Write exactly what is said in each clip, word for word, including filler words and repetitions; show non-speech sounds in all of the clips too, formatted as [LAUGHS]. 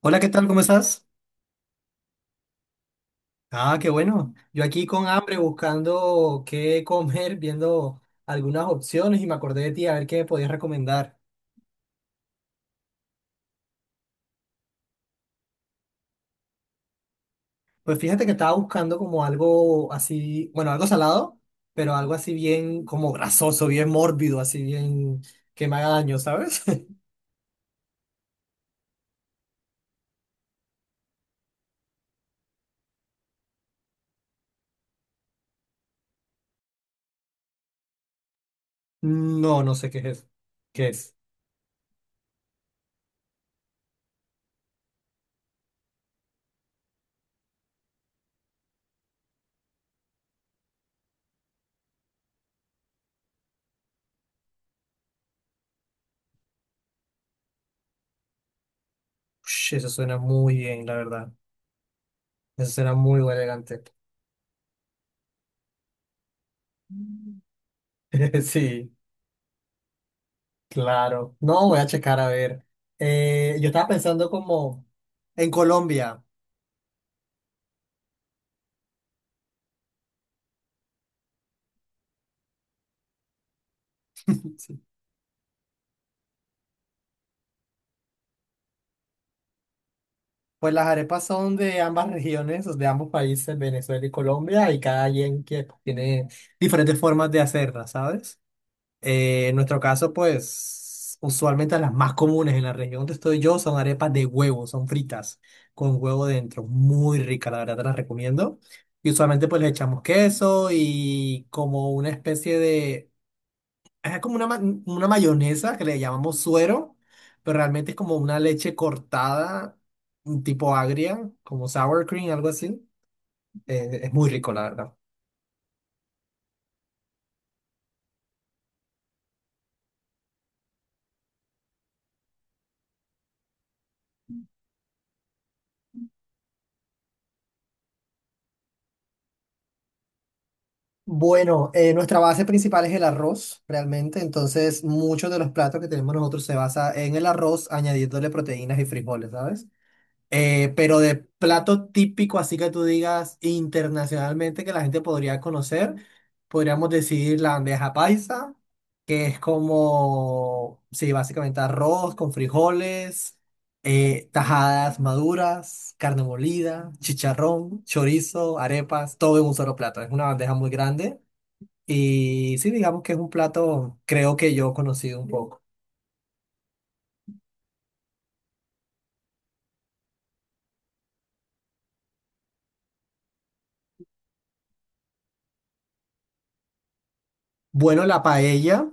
Hola, ¿qué tal? ¿Cómo estás? Ah, qué bueno. Yo aquí con hambre buscando qué comer, viendo algunas opciones y me acordé de ti a ver qué me podías recomendar. Pues fíjate que estaba buscando como algo así, bueno, algo salado, pero algo así bien como grasoso, bien mórbido, así bien que me haga daño, ¿sabes? [LAUGHS] No, no sé qué es eso. ¿Qué es? Ush, eso suena muy bien, la verdad. Eso suena muy elegante. [LAUGHS] Sí. Claro, no voy a checar a ver. Eh, yo estaba pensando como en Colombia. Sí. Pues las arepas son de ambas regiones, de ambos países, Venezuela y Colombia, y cada quien que pues, tiene diferentes formas de hacerlas, ¿sabes? Eh, en nuestro caso, pues usualmente las más comunes en la región donde estoy yo son arepas de huevo, son fritas con huevo dentro, muy rica, la verdad te las recomiendo. Y usualmente pues le echamos queso y como una especie de... Es como una, ma- una mayonesa que le llamamos suero, pero realmente es como una leche cortada, un tipo agria, como sour cream, algo así. Eh, es muy rico, la verdad. Bueno, eh, nuestra base principal es el arroz, realmente. Entonces, muchos de los platos que tenemos nosotros se basa en el arroz, añadiéndole proteínas y frijoles, ¿sabes? Eh, pero de plato típico, así que tú digas internacionalmente que la gente podría conocer, podríamos decir la bandeja paisa, que es como, sí, básicamente arroz con frijoles, eh, tajadas maduras, carne molida, chicharrón, chorizo, arepas, todo en un solo plato. Es una bandeja muy grande y sí, digamos que es un plato, creo que yo he conocido un poco. Bueno, la paella.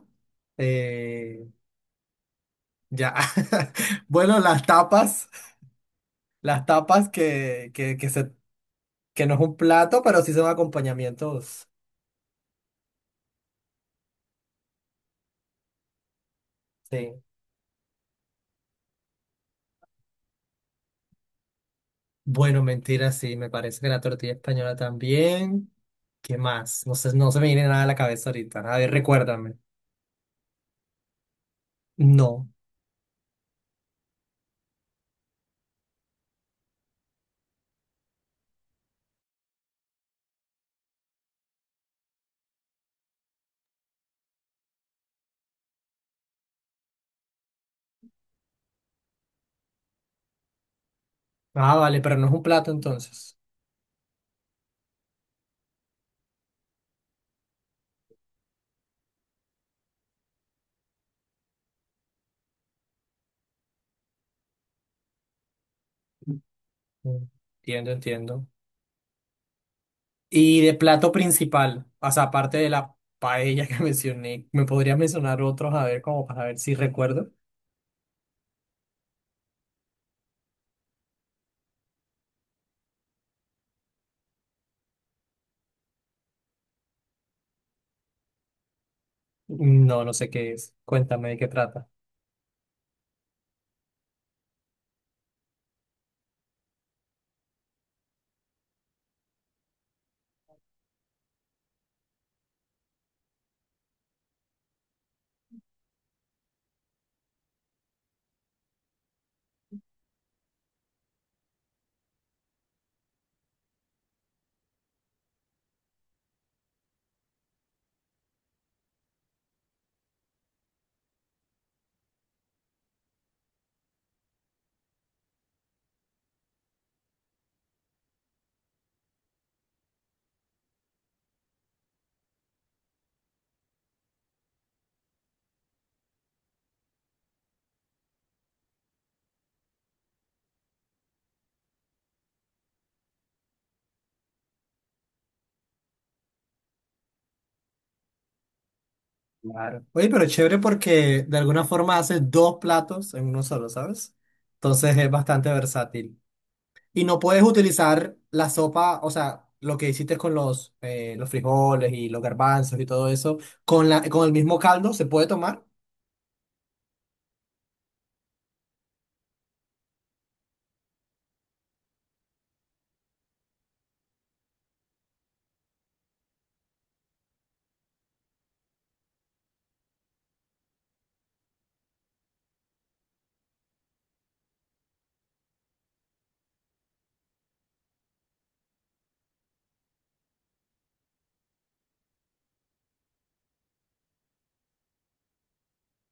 eh, Ya. [LAUGHS] Bueno, las tapas, las tapas que, que, que, se, que no es un plato, pero sí son acompañamientos. Sí. Bueno, mentira, sí, me parece que la tortilla española también. ¿Qué más? No sé, no se me viene nada a la cabeza ahorita. A ver, recuérdame. No. Ah, vale, pero no es un plato entonces. Mm. Entiendo, entiendo. Y de plato principal, o sea, aparte de la paella que [LAUGHS] mencioné, ¿me podrías mencionar otros? A ver, como para ver si recuerdo. No, no sé qué es. Cuéntame de qué trata. Claro. Oye, pero chévere porque de alguna forma haces dos platos en uno solo, ¿sabes? Entonces es bastante versátil. Y no puedes utilizar la sopa, o sea, lo que hiciste con los, eh, los frijoles y los garbanzos y todo eso, con la, con el mismo caldo, ¿se puede tomar?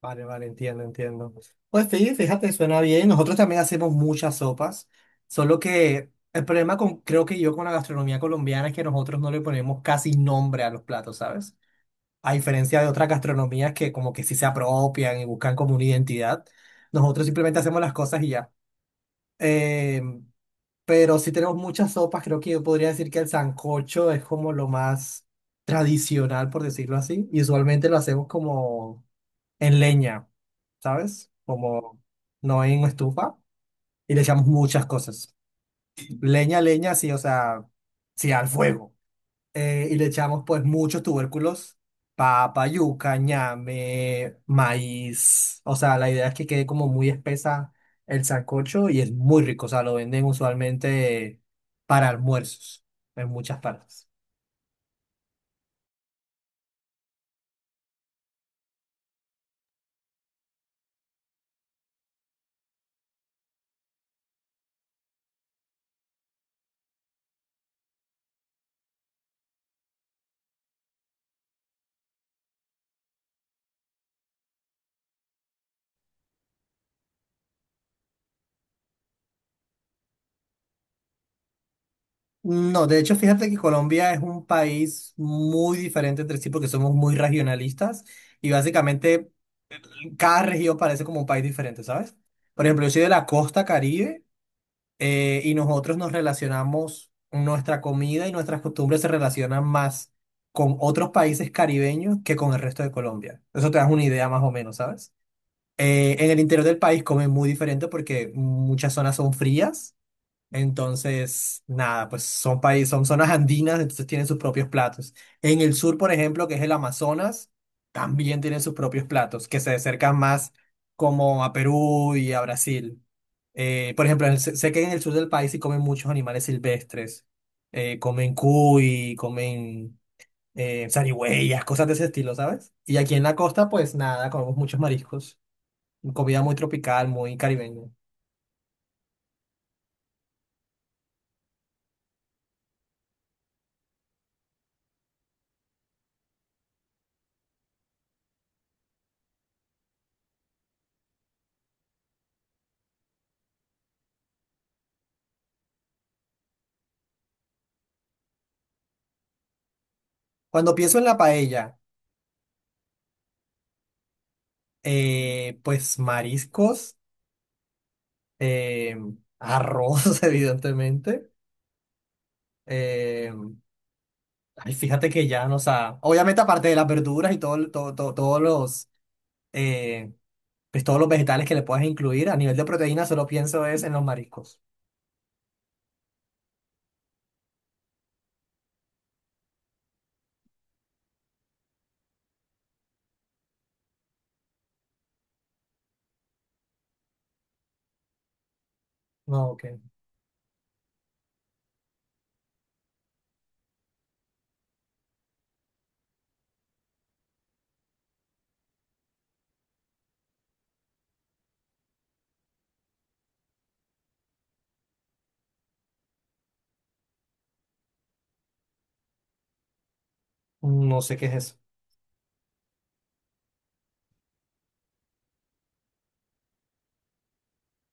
Vale, vale, entiendo, entiendo. Pues sí, fíjate, suena bien. Nosotros también hacemos muchas sopas, solo que el problema con, creo que yo con la gastronomía colombiana es que nosotros no le ponemos casi nombre a los platos, ¿sabes? A diferencia de otras gastronomías que como que sí se apropian y buscan como una identidad, nosotros simplemente hacemos las cosas y ya. Eh, pero sí tenemos muchas sopas, creo que yo podría decir que el sancocho es como lo más tradicional, por decirlo así, y usualmente lo hacemos como en leña, ¿sabes? Como no en estufa. Y le echamos muchas cosas. Leña, leña, sí, o sea, sí, al fuego. Eh, y le echamos pues muchos tubérculos, papa, yuca, ñame, maíz. O sea, la idea es que quede como muy espesa el sancocho y es muy rico. O sea, lo venden usualmente para almuerzos en muchas partes. No, de hecho, fíjate que Colombia es un país muy diferente entre sí porque somos muy regionalistas y básicamente cada región parece como un país diferente, ¿sabes? Por ejemplo, yo soy de la costa Caribe, eh, y nosotros nos relacionamos, nuestra comida y nuestras costumbres se relacionan más con otros países caribeños que con el resto de Colombia. Eso te das una idea más o menos, ¿sabes? Eh, en el interior del país comen muy diferente porque muchas zonas son frías. Entonces, nada, pues son países, son zonas andinas, entonces tienen sus propios platos. En el sur, por ejemplo, que es el Amazonas, también tienen sus propios platos, que se acercan más como a Perú y a Brasil. Eh, por ejemplo, en el- sé sé que en el sur del país se comen muchos animales silvestres. Eh, comen cuy, comen eh, zarigüeyas, cosas de ese estilo, ¿sabes? Y aquí en la costa, pues nada, comemos muchos mariscos. Comida muy tropical, muy caribeña. Cuando pienso en la paella. Eh, pues mariscos, eh, arroz, [LAUGHS] evidentemente. Eh, ay, fíjate que ya, no, o sea, obviamente aparte de las verduras y todo, todo, todo- todos los, eh, pues todos los vegetales que le puedas incluir, a nivel de proteína solo pienso es en los mariscos. No, ok. No sé qué es eso.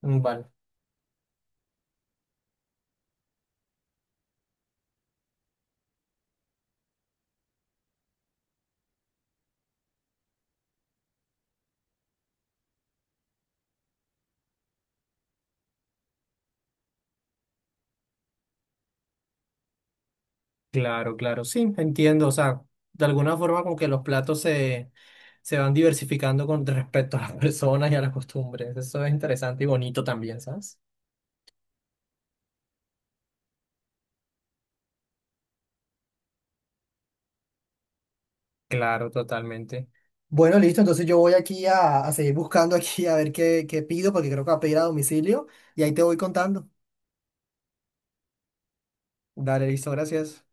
Mm. Vale. Claro, claro, sí, entiendo. O sea, de alguna forma como que los platos se, se van diversificando con respecto a las [LAUGHS] personas y a las costumbres. Eso es interesante y bonito también, ¿sabes? Claro, totalmente. Bueno, listo, entonces yo voy aquí a, a seguir buscando aquí a ver qué, qué pido, porque creo que va a pedir a domicilio y ahí te voy contando. Dale, listo, gracias.